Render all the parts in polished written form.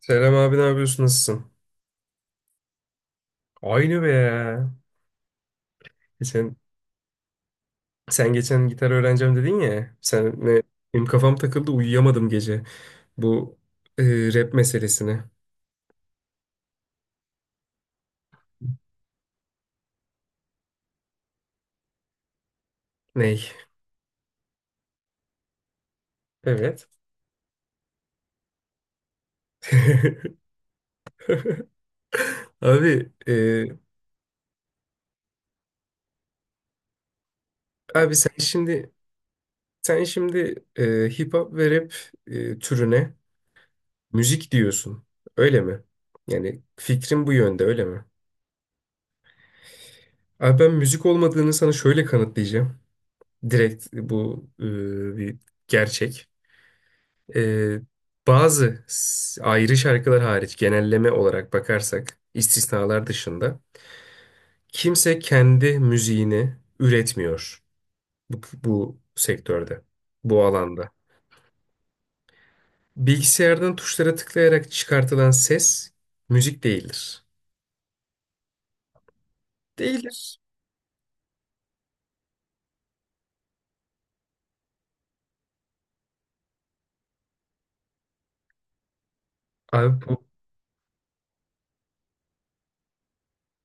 Selam abi, ne yapıyorsun, nasılsın? Aynı be ya. Geçen, sen geçen gitar öğreneceğim dedin ya. Sen ne? Benim kafam takıldı, uyuyamadım gece. Bu e, Rap meselesine. Ney? Evet. Abi e, abi sen şimdi hip hop ve rap türüne müzik diyorsun. Öyle mi? Yani fikrin bu yönde, öyle mi? Abi, ben müzik olmadığını sana şöyle kanıtlayacağım. Direkt bu bir gerçek. Ee, bazı ayrı şarkılar hariç, genelleme olarak bakarsak, istisnalar dışında kimse kendi müziğini üretmiyor bu sektörde, bu alanda. Bilgisayardan tuşlara tıklayarak çıkartılan ses müzik değildir. Değildir. Abi, bu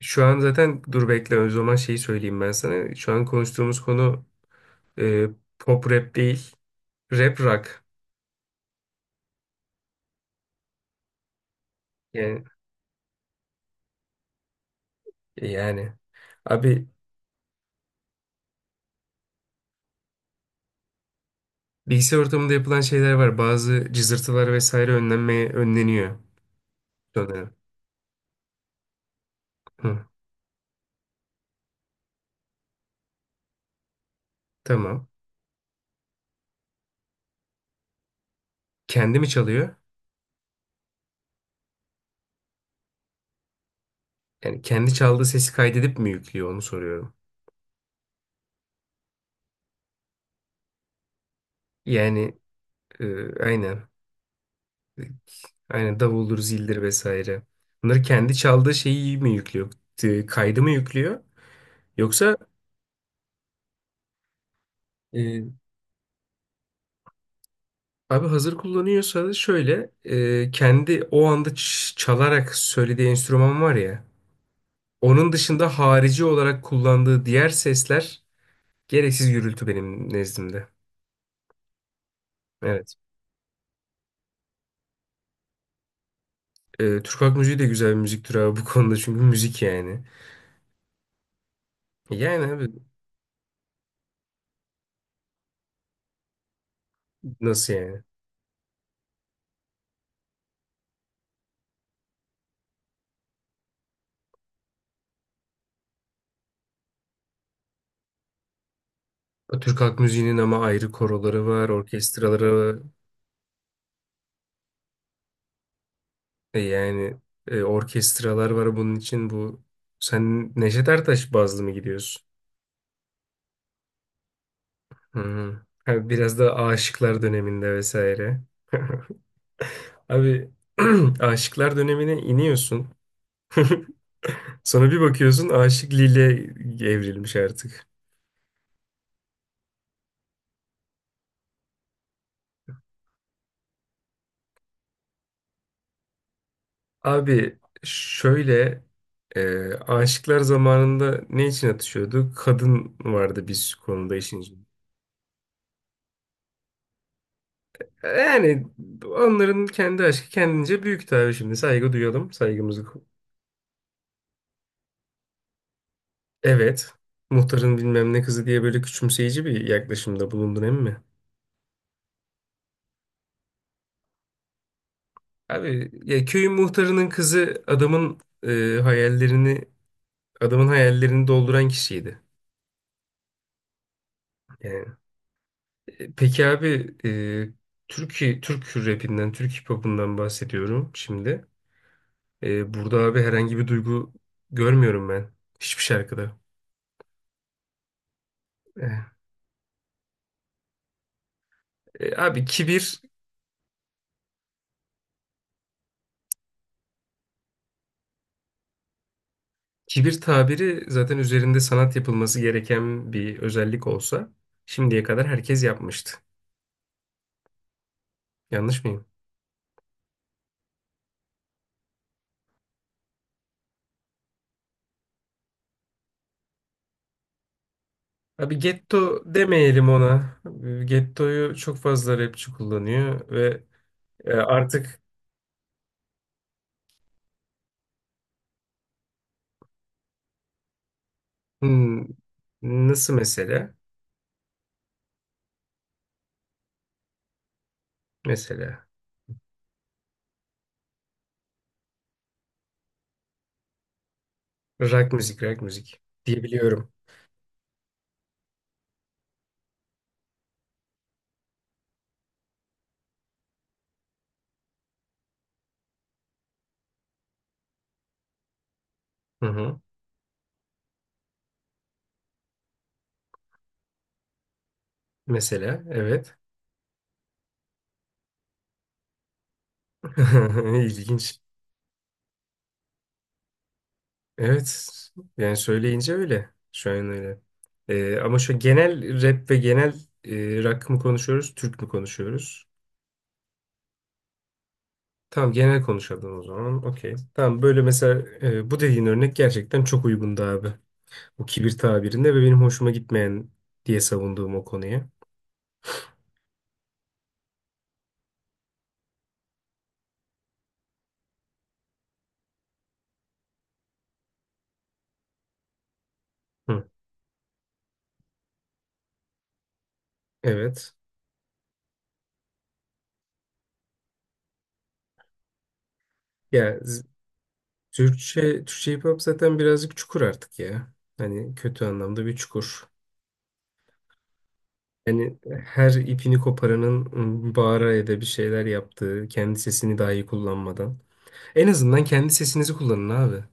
şu an zaten, dur bekle, o zaman şeyi söyleyeyim ben sana. Şu an konuştuğumuz konu e, pop rap değil, rap rock. Yani, e, yani. Abi, bilgisayar ortamında yapılan şeyler var. Bazı cızırtılar vesaire önlenmeye önleniyor sanırım. Hı, tamam. Kendi mi çalıyor? Yani kendi çaldığı sesi kaydedip mi yüklüyor, onu soruyorum. Yani e, aynen. Aynen davuldur, zildir vesaire. Bunları kendi çaldığı şeyi mi yüklüyor? E, kaydı mı yüklüyor? Yoksa e, abi, hazır kullanıyorsa da şöyle, kendi o anda çalarak söylediği enstrüman var ya. Onun dışında harici olarak kullandığı diğer sesler gereksiz gürültü benim nezdimde. Evet. Türk halk müziği de güzel bir müzik türü abi, bu konuda, çünkü müzik yani. Yani abi, nasıl yani? Türk halk müziğinin ama ayrı koroları var, orkestraları var. E yani, orkestralar var bunun için, bu. Sen Neşet Ertaş bazlı mı gidiyorsun? Hı hı. Ha, biraz da Aşıklar döneminde vesaire. Abi, Aşıklar dönemine iniyorsun. Sonra bir bakıyorsun, Aşık Lile evrilmiş artık. Abi şöyle, aşıklar zamanında ne için atışıyordu? Kadın vardı biz konuda işin içinde. Yani onların kendi aşkı kendince büyük tabii, şimdi saygı duyalım saygımızı. Evet, muhtarın bilmem ne kızı diye böyle küçümseyici bir yaklaşımda bulundun, emin mi? Abi ya, köyün muhtarının kızı adamın hayallerini dolduran kişiydi. Yani Peki abi, Türkiye, Türk rapinden, Türk hip hop'undan bahsediyorum şimdi. E, burada abi, herhangi bir duygu görmüyorum ben hiçbir şarkıda. E, abi, kibir tabiri zaten üzerinde sanat yapılması gereken bir özellik olsa şimdiye kadar herkes yapmıştı. Yanlış mıyım? Abi, getto demeyelim ona. E, gettoyu çok fazla rapçi kullanıyor ve e, artık hmm, nasıl mesela? Mesela. Rock müzik, rock müzik diyebiliyorum. Hı hı. Mesela, evet. İlginç. Evet, yani söyleyince öyle. Şu an öyle. Ama şu genel rap ve genel, rock mı konuşuyoruz, Türk mü konuşuyoruz? Tamam, genel konuşalım o zaman. Okey. Tamam, böyle mesela, bu dediğin örnek gerçekten çok uygundu abi. O kibir tabirinde ve benim hoşuma gitmeyen diye savunduğum o konuya. Hı. Evet. Ya Türkçe, Türkçe hip hop zaten birazcık çukur artık ya. Hani kötü anlamda bir çukur. Yani her ipini koparanın bağıra ya da bir şeyler yaptığı, kendi sesini dahi kullanmadan. En azından kendi sesinizi kullanın abi.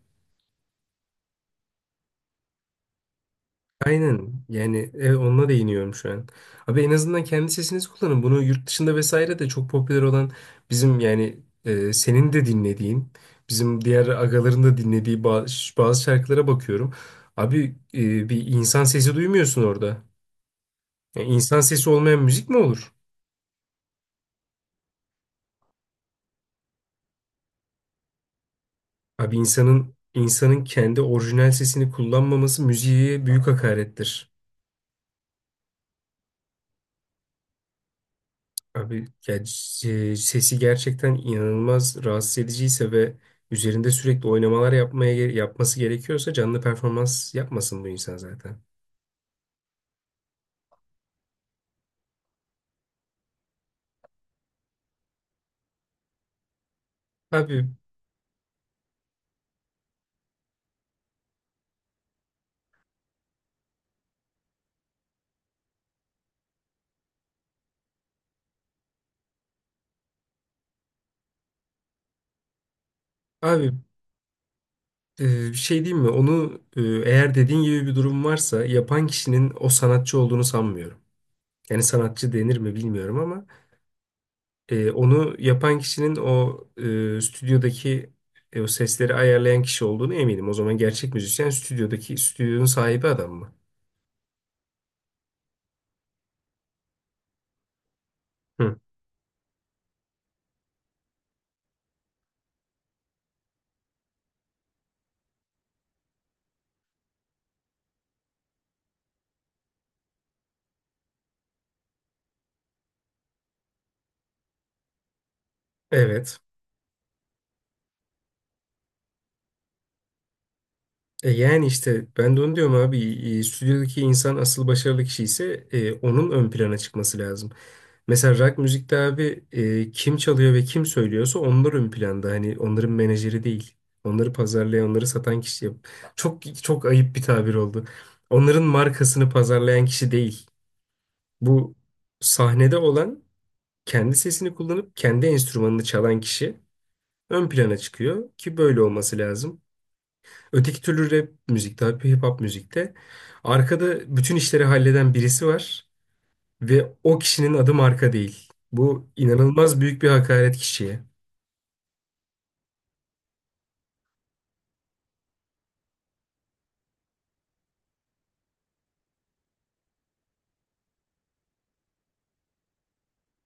Aynen yani, evet, onunla değiniyorum şu an. Abi, en azından kendi sesinizi kullanın. Bunu yurt dışında vesaire de çok popüler olan bizim yani, senin de dinlediğin, bizim diğer agaların da dinlediği bazı şarkılara bakıyorum. Abi, bir insan sesi duymuyorsun orada. Ya insan sesi olmayan müzik mi olur? Abi, insanın kendi orijinal sesini kullanmaması müziğe büyük hakarettir. Abi ya, sesi gerçekten inanılmaz rahatsız ediciyse ve üzerinde sürekli oynamalar yapmaya yapması gerekiyorsa, canlı performans yapmasın bu insan zaten. Abi abi, bir şey diyeyim mi? Onu, eğer dediğin gibi bir durum varsa, yapan kişinin o sanatçı olduğunu sanmıyorum. Yani sanatçı denir mi bilmiyorum ama onu yapan kişinin o stüdyodaki, o sesleri ayarlayan kişi olduğunu eminim. O zaman gerçek müzisyen stüdyodaki, stüdyonun sahibi adam mı? Hı. Evet. E, yani işte ben de onu diyorum abi. E, stüdyodaki insan asıl başarılı kişi ise, onun ön plana çıkması lazım. Mesela rock müzikte abi, kim çalıyor ve kim söylüyorsa onlar ön planda. Hani onların menajeri değil. Onları pazarlayan, onları satan kişi. Çok çok ayıp bir tabir oldu. Onların markasını pazarlayan kişi değil. Bu sahnede olan, kendi sesini kullanıp kendi enstrümanını çalan kişi ön plana çıkıyor ki böyle olması lazım. Öteki türlü rap müzikte, hip hop müzikte arkada bütün işleri halleden birisi var ve o kişinin adı marka değil. Bu inanılmaz büyük bir hakaret kişiye.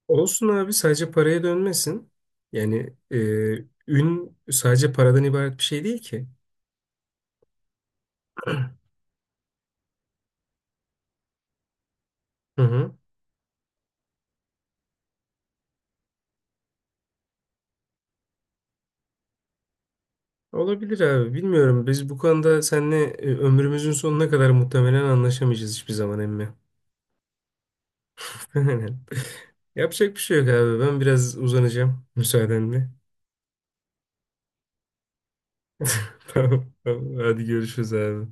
Olsun abi, sadece paraya dönmesin. Yani ün sadece paradan ibaret bir şey değil ki. Hı hı. Olabilir abi. Bilmiyorum. Biz bu konuda seninle, ömrümüzün sonuna kadar muhtemelen anlaşamayacağız hiçbir zaman emmi. Yapacak bir şey yok abi. Ben biraz uzanacağım müsaadenle. Tamam, tamam. Hadi görüşürüz abi.